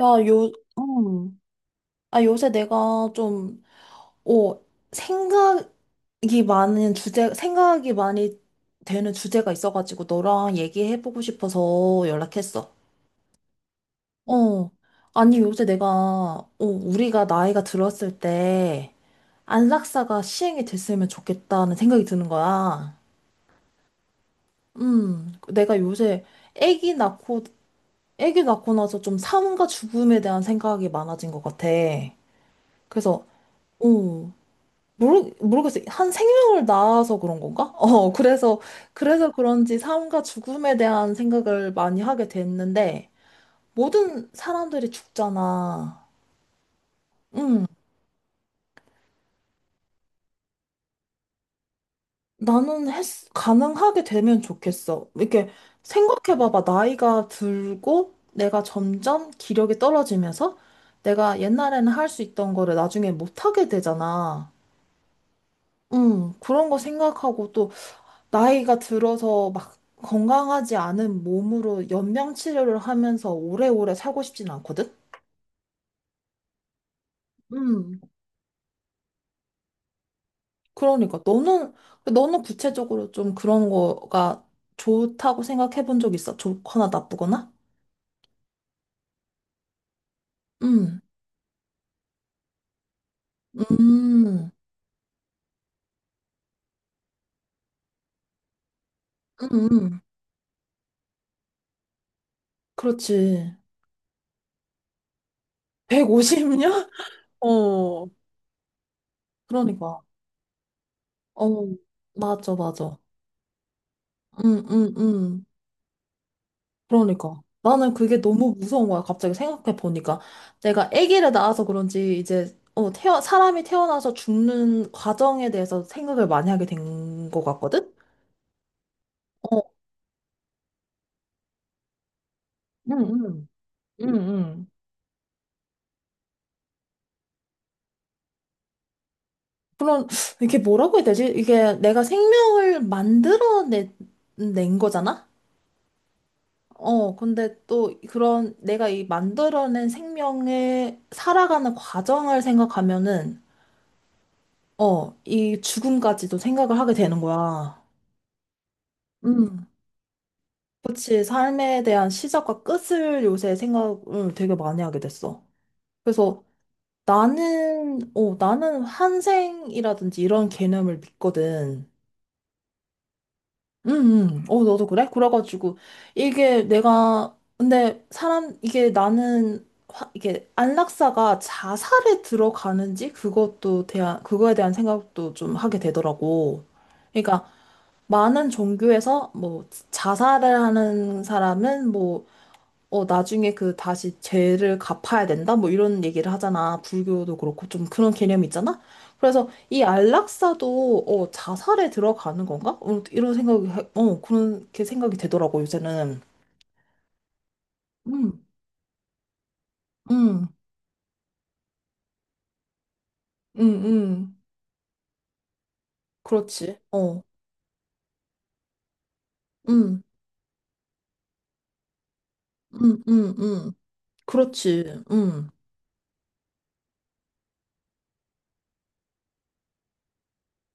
야, 요, 음. 아, 요새 내가 좀, 어, 생각이 생각이 많이 되는 주제가 있어가지고 너랑 얘기해보고 싶어서 연락했어. 어. 아니, 요새 내가, 우리가 나이가 들었을 때 안락사가 시행이 됐으면 좋겠다는 생각이 드는 거야. 내가 요새 아기 낳고, 아기 낳고 나서 좀 삶과 죽음에 대한 생각이 많아진 것 같아. 그래서, 어. 모르겠어요. 한 생명을 낳아서 그런 건가? 그래서, 그래서 그런지 삶과 죽음에 대한 생각을 많이 하게 됐는데, 모든 사람들이 죽잖아. 응, 나는 했, 가능하게 되면 좋겠어. 이렇게 생각해봐봐. 나이가 들고, 내가 점점 기력이 떨어지면서, 내가 옛날에는 할 수 있던 거를 나중에 못하게 되잖아. 응, 그런 거 생각하고 또, 나이가 들어서 막 건강하지 않은 몸으로 연명 치료를 하면서 오래오래 살고 싶진 않거든? 음. 그러니까 너는 구체적으로 좀 그런 거가 좋다고 생각해 본 적 있어? 좋거나 나쁘거나? 음. 음. 음. 음. 그렇지. 150년? 어. 그러니까. 어. 맞아, 맞아. 음, 음, 음. 그러니까. 나는 그게 너무 무서운 거야. 갑자기 생각해 보니까. 내가 아기를 낳아서 그런지 이제, 사람이 태어나서 죽는 과정에 대해서 생각을 많이 하게 된 것 같거든? 어, 응, 응, 응, 응. 그런, 이게 뭐라고 해야 되지? 이게 내가 생명을 만들어낸 낸 거잖아? 근데 또 그런 내가 이 만들어낸 생명의 살아가는 과정을 생각하면은, 이 죽음까지도 생각을 하게 되는 거야. 음. 그치, 삶에 대한 시작과 끝을 요새 생각을 되게 많이 하게 됐어. 그래서 나는, 나는 환생이라든지 이런 개념을 믿거든. 응, 응. 어, 너도 그래? 그래가지고, 이게 내가, 근데 사람, 이게 나는, 화- 이게 안락사가 자살에 들어가는지 그거에 대한 생각도 좀 하게 되더라고. 그러니까 많은 종교에서 뭐 자살을 하는 사람은 뭐 나중에 그 다시 죄를 갚아야 된다? 뭐 이런 얘기를 하잖아. 불교도 그렇고 좀 그런 개념이 있잖아? 그래서 이 안락사도 자살에 들어가는 건가? 이런 생각이, 그렇게 생각이 되더라고, 요새는. 음. 응, 응, 응. 그렇지. 어, 응, 응, 응, 응. 그렇지. 응,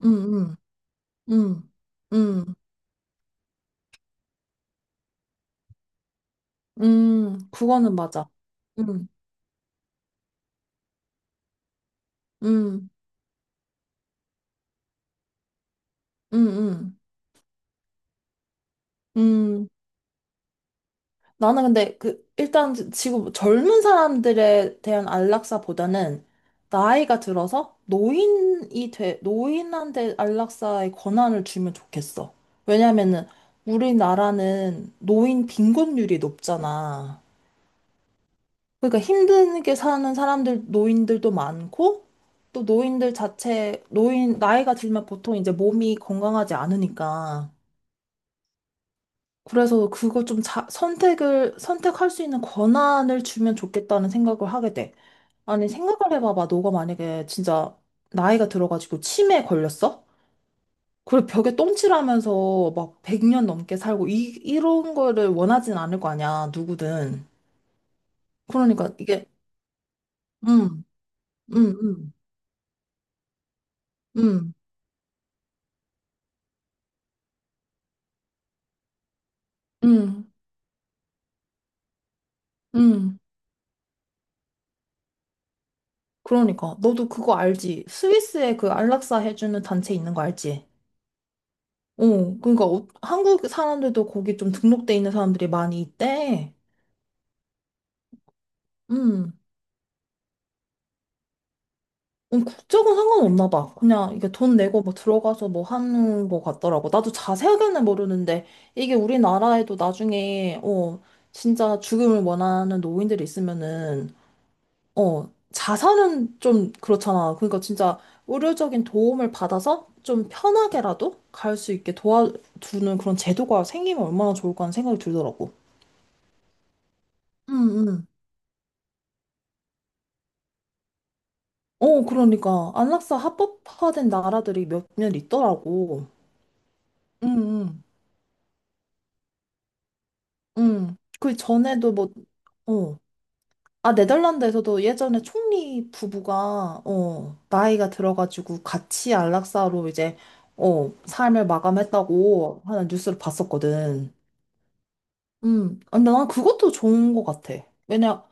응, 응, 응, 응, 응. 그거는 맞아. 응, 응, 응, 응. 응. 나는 근데 그 일단 지금 젊은 사람들에 대한 안락사보다는 나이가 들어서 노인이 돼 노인한테 안락사의 권한을 주면 좋겠어. 왜냐면은 우리나라는 노인 빈곤율이 높잖아. 그러니까 힘들게 사는 사람들 노인들도 많고 또 노인 나이가 들면 보통 이제 몸이 건강하지 않으니까 그래서 그거 좀 선택할 수 있는 권한을 주면 좋겠다는 생각을 하게 돼. 아니, 생각을 해봐봐. 너가 만약에 진짜 나이가 들어가지고 치매에 걸렸어? 그리고 벽에 똥칠하면서 막 100년 넘게 살고, 이런 거를 원하진 않을 거 아니야, 누구든. 그러니까 이게, 음, 음, 음, 음, 음, 음. 그러니까. 너도 그거 알지? 스위스에 그 안락사 해주는 단체 있는 거 알지? 그러니까 한국 사람들도 거기 좀 등록돼 있는 사람들이 많이 있대. 음. 국적은 상관없나 봐. 그냥 이게 돈 내고 뭐 들어가서 뭐 하는 거 같더라고. 나도 자세하게는 모르는데 이게 우리나라에도 나중에 진짜 죽음을 원하는 노인들이 있으면은 자살은 좀 그렇잖아. 그러니까 진짜 의료적인 도움을 받아서 좀 편하게라도 갈 수 있게 도와주는 그런 제도가 생기면 얼마나 좋을까 하는 생각이 들더라고. 응, 응. 그러니까 안락사 합법화된 나라들이 몇몇 있더라고. 응, 응, 응. 그 전에도 뭐, 어. 아, 네덜란드에서도 예전에 총리 부부가, 나이가 들어가지고 같이 안락사로 이제, 삶을 마감했다고 하는 뉴스를 봤었거든. 근데 난 그것도 좋은 것 같아. 왜냐,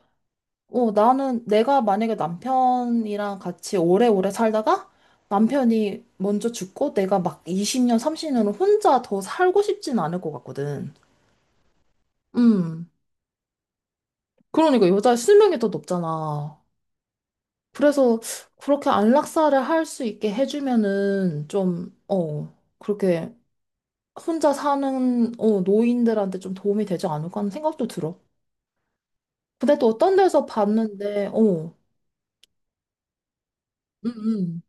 나는 내가 만약에 남편이랑 같이 오래오래 살다가 남편이 먼저 죽고 내가 막 20년, 30년을 혼자 더 살고 싶진 않을 것 같거든. 음. 그러니까 여자의 수명이 더 높잖아. 그래서 그렇게 안락사를 할 수 있게 해주면은 좀, 그렇게 혼자 사는, 노인들한테 좀 도움이 되지 않을까 하는 생각도 들어. 근데 또 어떤 데서 봤는데, 어, 음,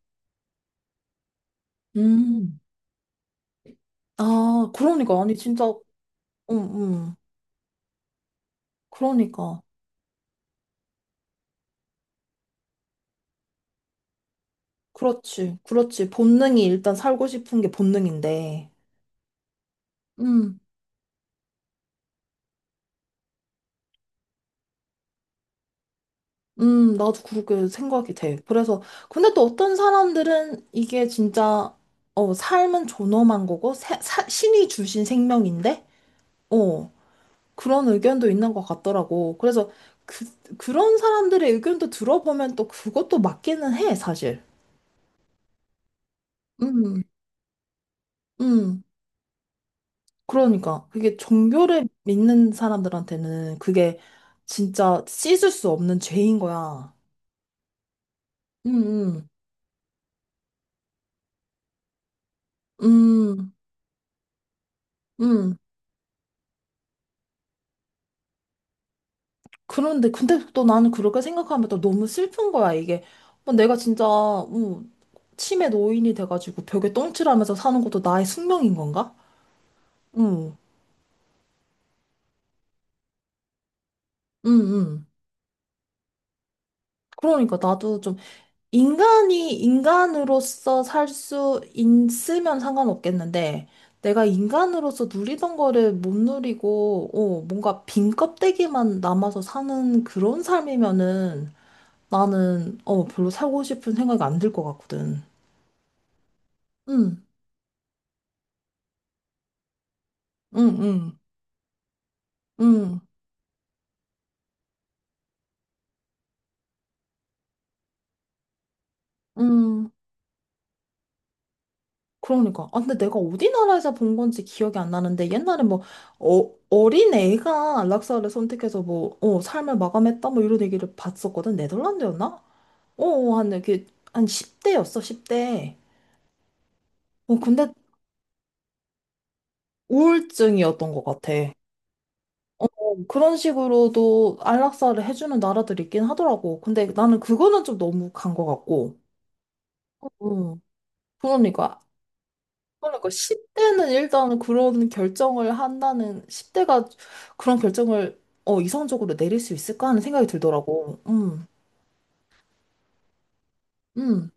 음. 아, 그러니까. 아니, 진짜 응, 응. 그러니까. 그렇지. 그렇지. 본능이 일단 살고 싶은 게 본능인데. 음, 나도 그렇게 생각이 돼. 그래서, 근데 또 어떤 사람들은 이게 진짜, 삶은 존엄한 거고, 신이 주신 생명인데, 어, 그런 의견도 있는 것 같더라고. 그래서 그, 그런 사람들의 의견도 들어보면 또 그것도 맞기는 해, 사실. 음, 음. 그러니까 그게 종교를 믿는 사람들한테는 그게 진짜 씻을 수 없는 죄인 거야. 음, 음, 음, 음. 그런데 근데 또 나는 그렇게 생각하면 또 너무 슬픈 거야 이게. 내가 진짜 음, 치매 노인이 돼가지고 벽에 똥칠하면서 사는 것도 나의 숙명인 건가? 응응응. 그러니까 나도 좀 인간이 인간으로서 살 수 있으면 상관없겠는데, 내가 인간으로서 누리던 거를 못 누리고, 뭔가 빈 껍데기만 남아서 사는 그런 삶이면은 나는, 별로 살고 싶은 생각이 안 들 것 같거든. 응, 응, 응, 응, 응. 그러니까. 아, 근데 내가 어디 나라에서 본 건지 기억이 안 나는데, 옛날에 뭐, 어린 애가 락사를 선택해서 뭐, 삶을 마감했다, 뭐 이런 얘기를 봤었거든. 네덜란드였나? 어, 어, 한 10대였어, 10대. 근데 우울증이었던 것 같아. 그런 식으로도 안락사를 해주는 나라들이 있긴 하더라고. 근데 나는 그거는 좀 너무 간 것 같고. 음 그러니까. 그러니까 10대는 일단 그런 결정을 한다는, 그런 결정을, 이성적으로 내릴 수 있을까 하는 생각이 들더라고. 음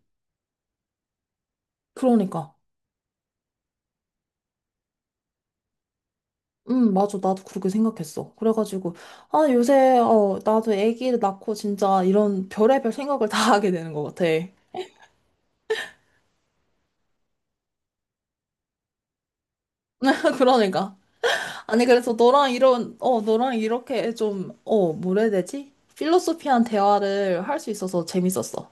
그러니까. 응 맞아. 나도 그렇게 생각했어. 그래가지고, 아, 요새, 나도 아기를 낳고 진짜 이런 별의별 생각을 다 하게 되는 것 같아. 그러니까. 아니, 그래서 너랑 이런, 어, 너랑 이렇게 좀, 뭐라 해야 되지? 필로소피한 대화를 할 수 있어서 재밌었어.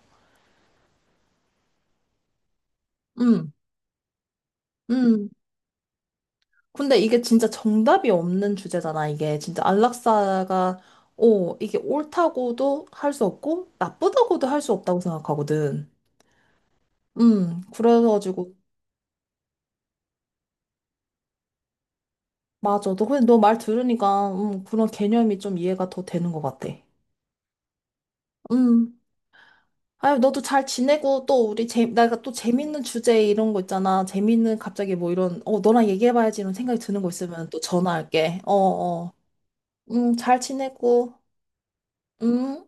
음, 음. 근데 이게 진짜 정답이 없는 주제잖아, 이게. 진짜 안락사가, 이게 옳다고도 할 수 없고, 나쁘다고도 할 수 없다고 생각하거든. 그래가지고 맞아. 너 근데 너 말 들으니까 그런 개념이 좀 이해가 더 되는 것 같아. 음. 아유, 너도 잘 지내고 또 우리 재 내가 또 재밌는 주제 이런 거 있잖아. 재밌는 갑자기 뭐 이런 어 너랑 얘기해봐야지 이런 생각이 드는 거 있으면 또 전화할게. 어 어. 잘 지내고. 음.